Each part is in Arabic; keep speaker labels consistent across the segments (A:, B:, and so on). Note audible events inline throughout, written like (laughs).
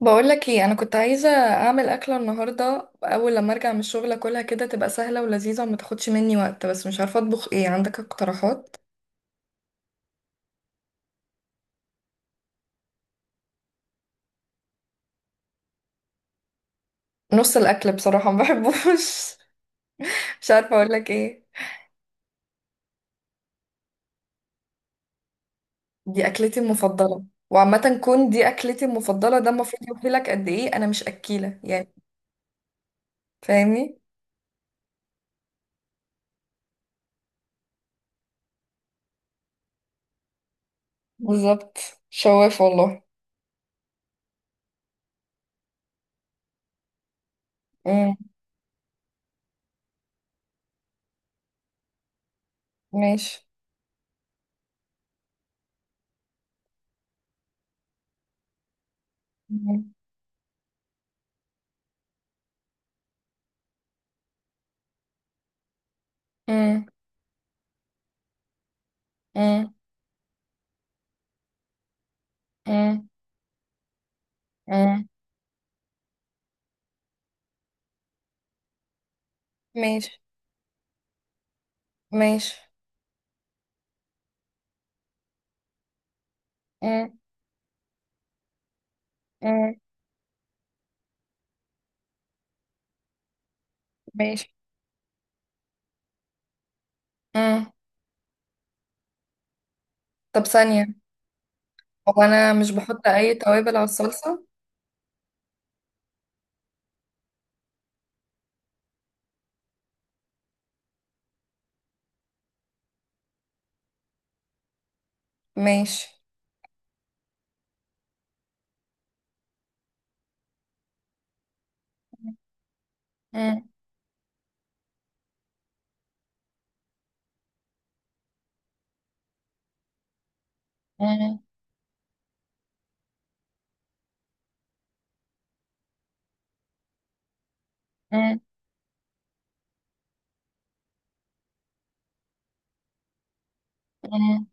A: بقولك ايه، انا كنت عايزه اعمل اكله النهارده اول لما ارجع من الشغل، اكلها كده تبقى سهله ولذيذه وما تاخدش مني وقت، بس مش عارفه اطبخ ايه، عندك اقتراحات؟ نص الاكل بصراحه ما بحبوش. (laughs) مش عارفه اقولك ايه. دي اكلتي المفضله، وعامه كون دي اكلتي المفضله، ده المفروض يوحيلك قد ايه انا مش اكيله يعني. فاهمني. بالظبط. شواف والله. امم. ماشي. امم. امم. امم. امم. امم، ماشي. ماشي. امم. امم. ماشي. مم. طب ثانية. هو أنا مش بحط أي توابل على الصلصة؟ ماشي. مم، مم، مم، مم،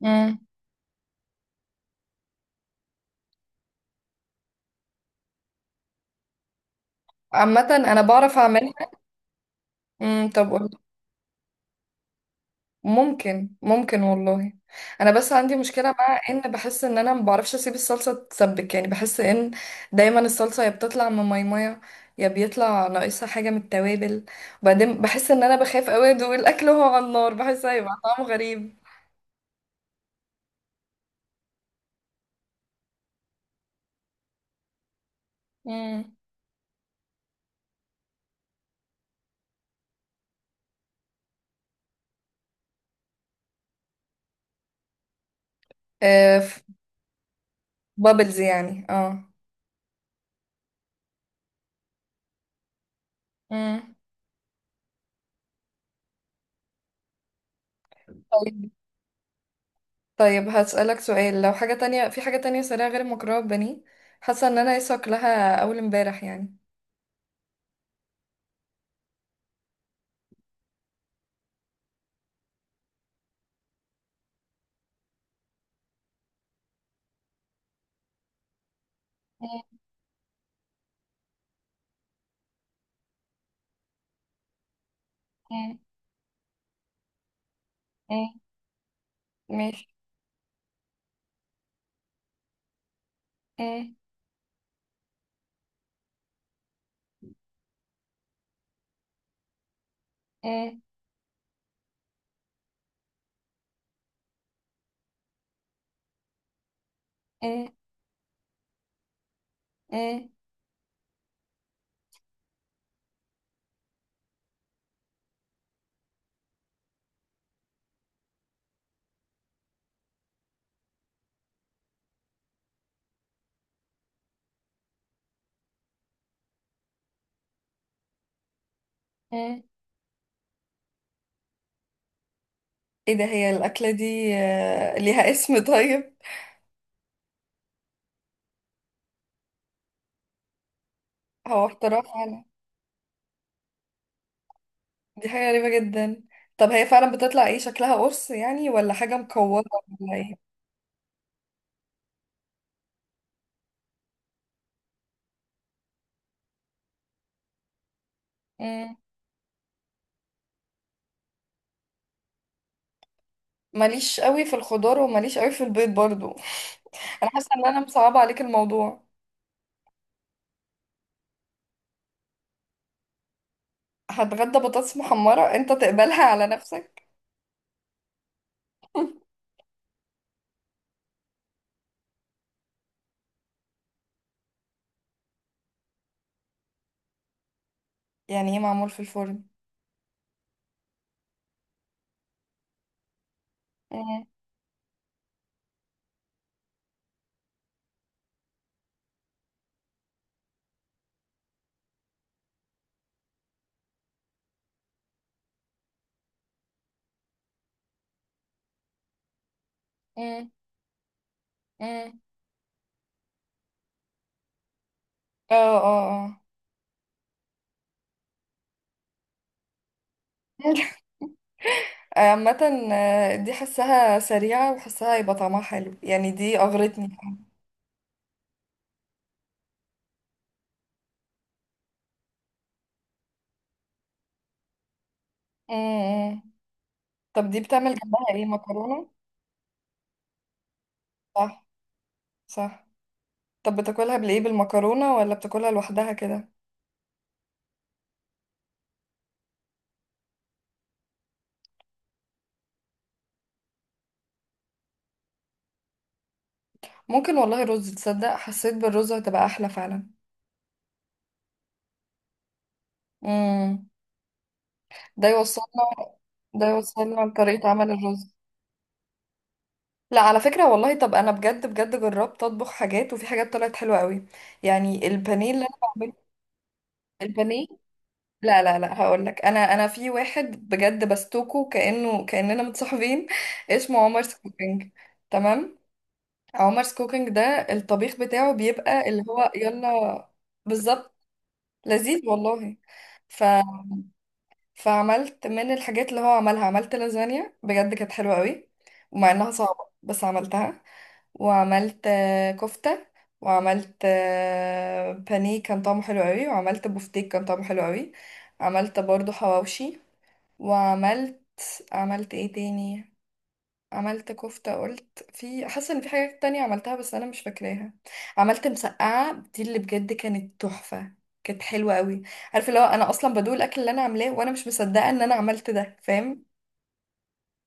A: مم. عامة أنا بعرف أعملها. مم، طب قول. ممكن ممكن والله. أنا بس عندي مشكلة مع إن بحس إن أنا ما بعرفش أسيب الصلصة تتسبك، يعني بحس إن دايما الصلصة يا بتطلع من ميمية، يا بيطلع ناقصها حاجة من التوابل. وبعدين بحس إن أنا بخاف أوي أدوق الأكل وهو على النار، بحس هيبقى طعمه غريب. مم. آه، ف- بابلز يعني اه. مم. طيب. طيب هسألك سؤال، لو حاجة تانية، في حاجة تانية سريعة غير المكرونة ببانيه؟ حاسة ان انا لسه واكلاها اول امبارح يعني. مم، مم، مم. ماشي. مم، مم، مم، مم، مم. ايه ده؟ هي الأكلة دي ليها اسم طيب؟ هو اختراع فعلا. دي حاجة غريبة جدا. طب هي فعلا بتطلع ايه، شكلها قرص يعني ولا حاجة مكورة؟ ولا ايه؟ مم. ماليش قوي في الخضار وماليش قوي في البيض برضو. (laughs) انا حاسة ان انا مصعبة عليك الموضوع. هتغدى بطاطس محمرة انت تقبلها على نفسك؟ (laughs) يعني ايه معمول في الفرن؟ مم. مم. مم. اه، اه، اه. (laughs) عامة، دي حسها سريعة وحسها يبقى طعمها حلو يعني، دي أغرتني. مم. مم. طب دي بتعمل جنبها ايه، مكرونة؟ صح، صح. طب بتاكلها بالايه، بالمكرونة ولا بتاكلها لوحدها كده؟ ممكن والله، رز، تصدق حسيت بالرز هتبقى أحلى فعلا. مم. ده يوصلنا. ده يوصلنا لطريقة عمل الرز. لا، على فكرة والله، طب انا بجد بجد جربت اطبخ حاجات، وفي حاجات طلعت حلوة قوي. يعني البانيه اللي انا بعمله. البانيه. لا لا لا، هقول لك، انا في واحد بجد بستوكه كأننا متصاحبين (laughs) اسمه عمر كوكينج. تمام. عمر كوكينج ده، الطبيخ بتاعه بيبقى اللي هو يلا. بالظبط. لذيذ والله. ف... فعملت من الحاجات اللي هو عملها، عملت لازانيا بجد كانت حلوة قوي. ومع انها صعبة بس عملتها. وعملت كفتة. وعملت بانيه كان طعمه حلو قوي، وعملت بوفتيك كان طعمه حلو قوي. عملت برضو حواوشي. وعملت. عملت ايه تاني؟ عملت كفتة قلت في، حاسة ان في حاجات تانية عملتها بس انا مش فاكراها. عملت مسقعة، دي اللي بجد كانت تحفة. كانت حلوة قوي. عارفه اللي هو انا اصلا بدوق الاكل اللي انا عاملاه وانا مش مصدقة ان انا عملت ده، فاهم؟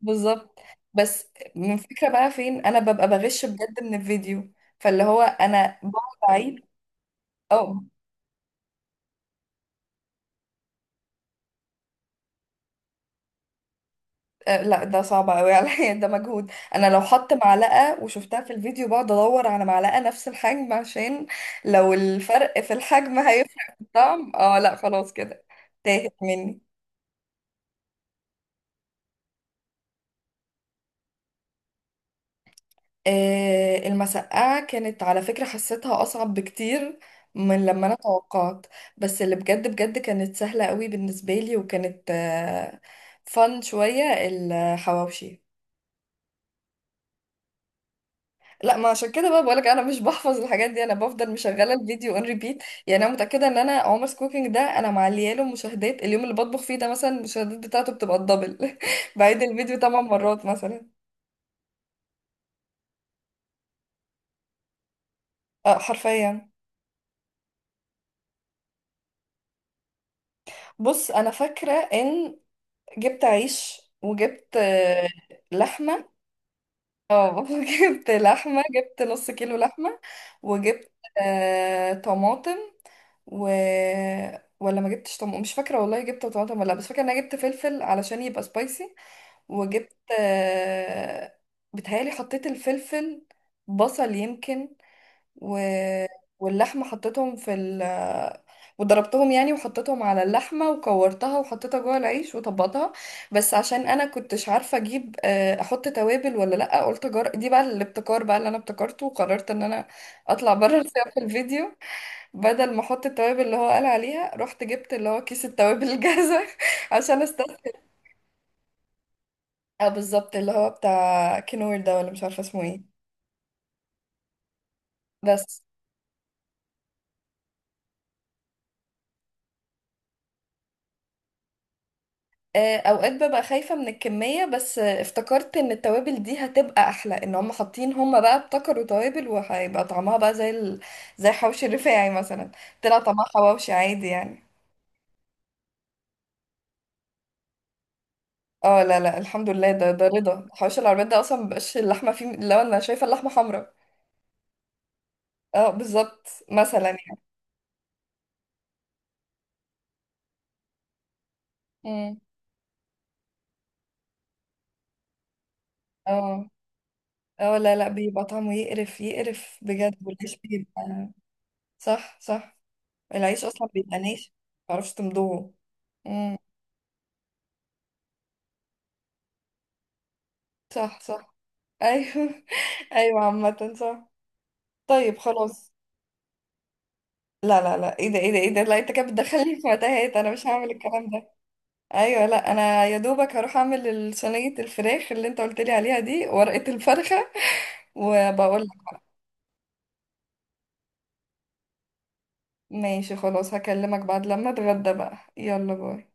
A: بالظبط. بس. الفكرة بقى فين، انا ببقى بغش بجد من الفيديو. فاللي هو انا بقعد اعيد. اه. لا ده صعب قوي (laughs) عليا، ده مجهود، انا لو حط معلقة وشفتها في الفيديو بقعد ادور على معلقة نفس الحجم، عشان لو الفرق في الحجم هيفرق في الطعم، اه لا خلاص كده. تاهت مني. المسقعة كانت على فكرة حسيتها أصعب بكتير من لما أنا توقعت. بس اللي بجد بجد كانت سهلة قوي بالنسبة لي، وكانت فن شوية الحواوشي. لا، ما عشان كده بقى بقولك انا مش بحفظ الحاجات دي، انا بفضل مشغله الفيديو اون ريبيت، يعني انا متاكده ان انا عمر's كوكينج ده انا معليه له مشاهدات اليوم اللي بطبخ فيه، ده مثلا المشاهدات بتاعته بتبقى الدبل، (laughs) بعيد الفيديو 8 مرات مثلا. اه حرفيا. بص انا فاكره ان جبت عيش، وجبت لحمة. اه، (laughs) جبت لحمة، جبت نص كيلو لحمة، وجبت طماطم، و ولا ما جبتش طماطم، مش فاكرة والله، جبت طماطم ولا لا، بس فاكرة ان انا جبت فلفل علشان يبقى سبايسي، وجبت بتهيألي حطيت الفلفل. بصل يمكن. و... واللحمة حطيتهم في وضربتهم يعني، وحطيتهم على اللحمة وكورتها وحطيتها جوه العيش وطبقتها. بس عشان انا كنتش عارفة اجيب، احط توابل ولا لا، قلت دي بقى الابتكار بقى اللي انا ابتكرته، وقررت ان انا اطلع بره السياق (laughs) الفيديو. بدل ما احط التوابل اللي هو قال عليها، رحت جبت اللي هو كيس التوابل الجاهزة (laughs) عشان استسهل. اه بالظبط، اللي هو بتاع كنور ده، ولا مش عارفة اسمه ايه. بس. اوقات ببقى خايفة من الكمية، بس افتكرت ان التوابل دي هتبقى احلى، ان هم حاطين، هم بقى ابتكروا توابل، وهيبقى طعمها بقى زي زي حوش الرفاعي مثلا. طلع طعمها حواوشي عادي يعني. اه لا لا الحمد لله، ده رضا حوش العربيات، ده اصلا مبقاش اللحمة فيه، لو انا شايفة اللحمة حمراء. اه بالظبط مثلا يعني. مم. اه اه، لا لا بيبقى طعمه يقرف يقرف بجد، والعيش بيبقى. صح صح. العيش اصلا بيبقى ناشف، متعرفش تمضغه. مم. صح صح. ايوه، (laughs) ايوه عامة صح. طيب خلاص. لا لا لا، ايه ده، ايه ده، ايه ده، لا انت كده بتدخلني في متاهات، انا مش هعمل الكلام ده. ايوه، لا انا يا دوبك هروح اعمل صينية الفراخ اللي انت قلت لي عليها دي، ورقة الفرخة، وبقول لك. ماشي خلاص، هكلمك بعد لما اتغدى بقى، يلا باي.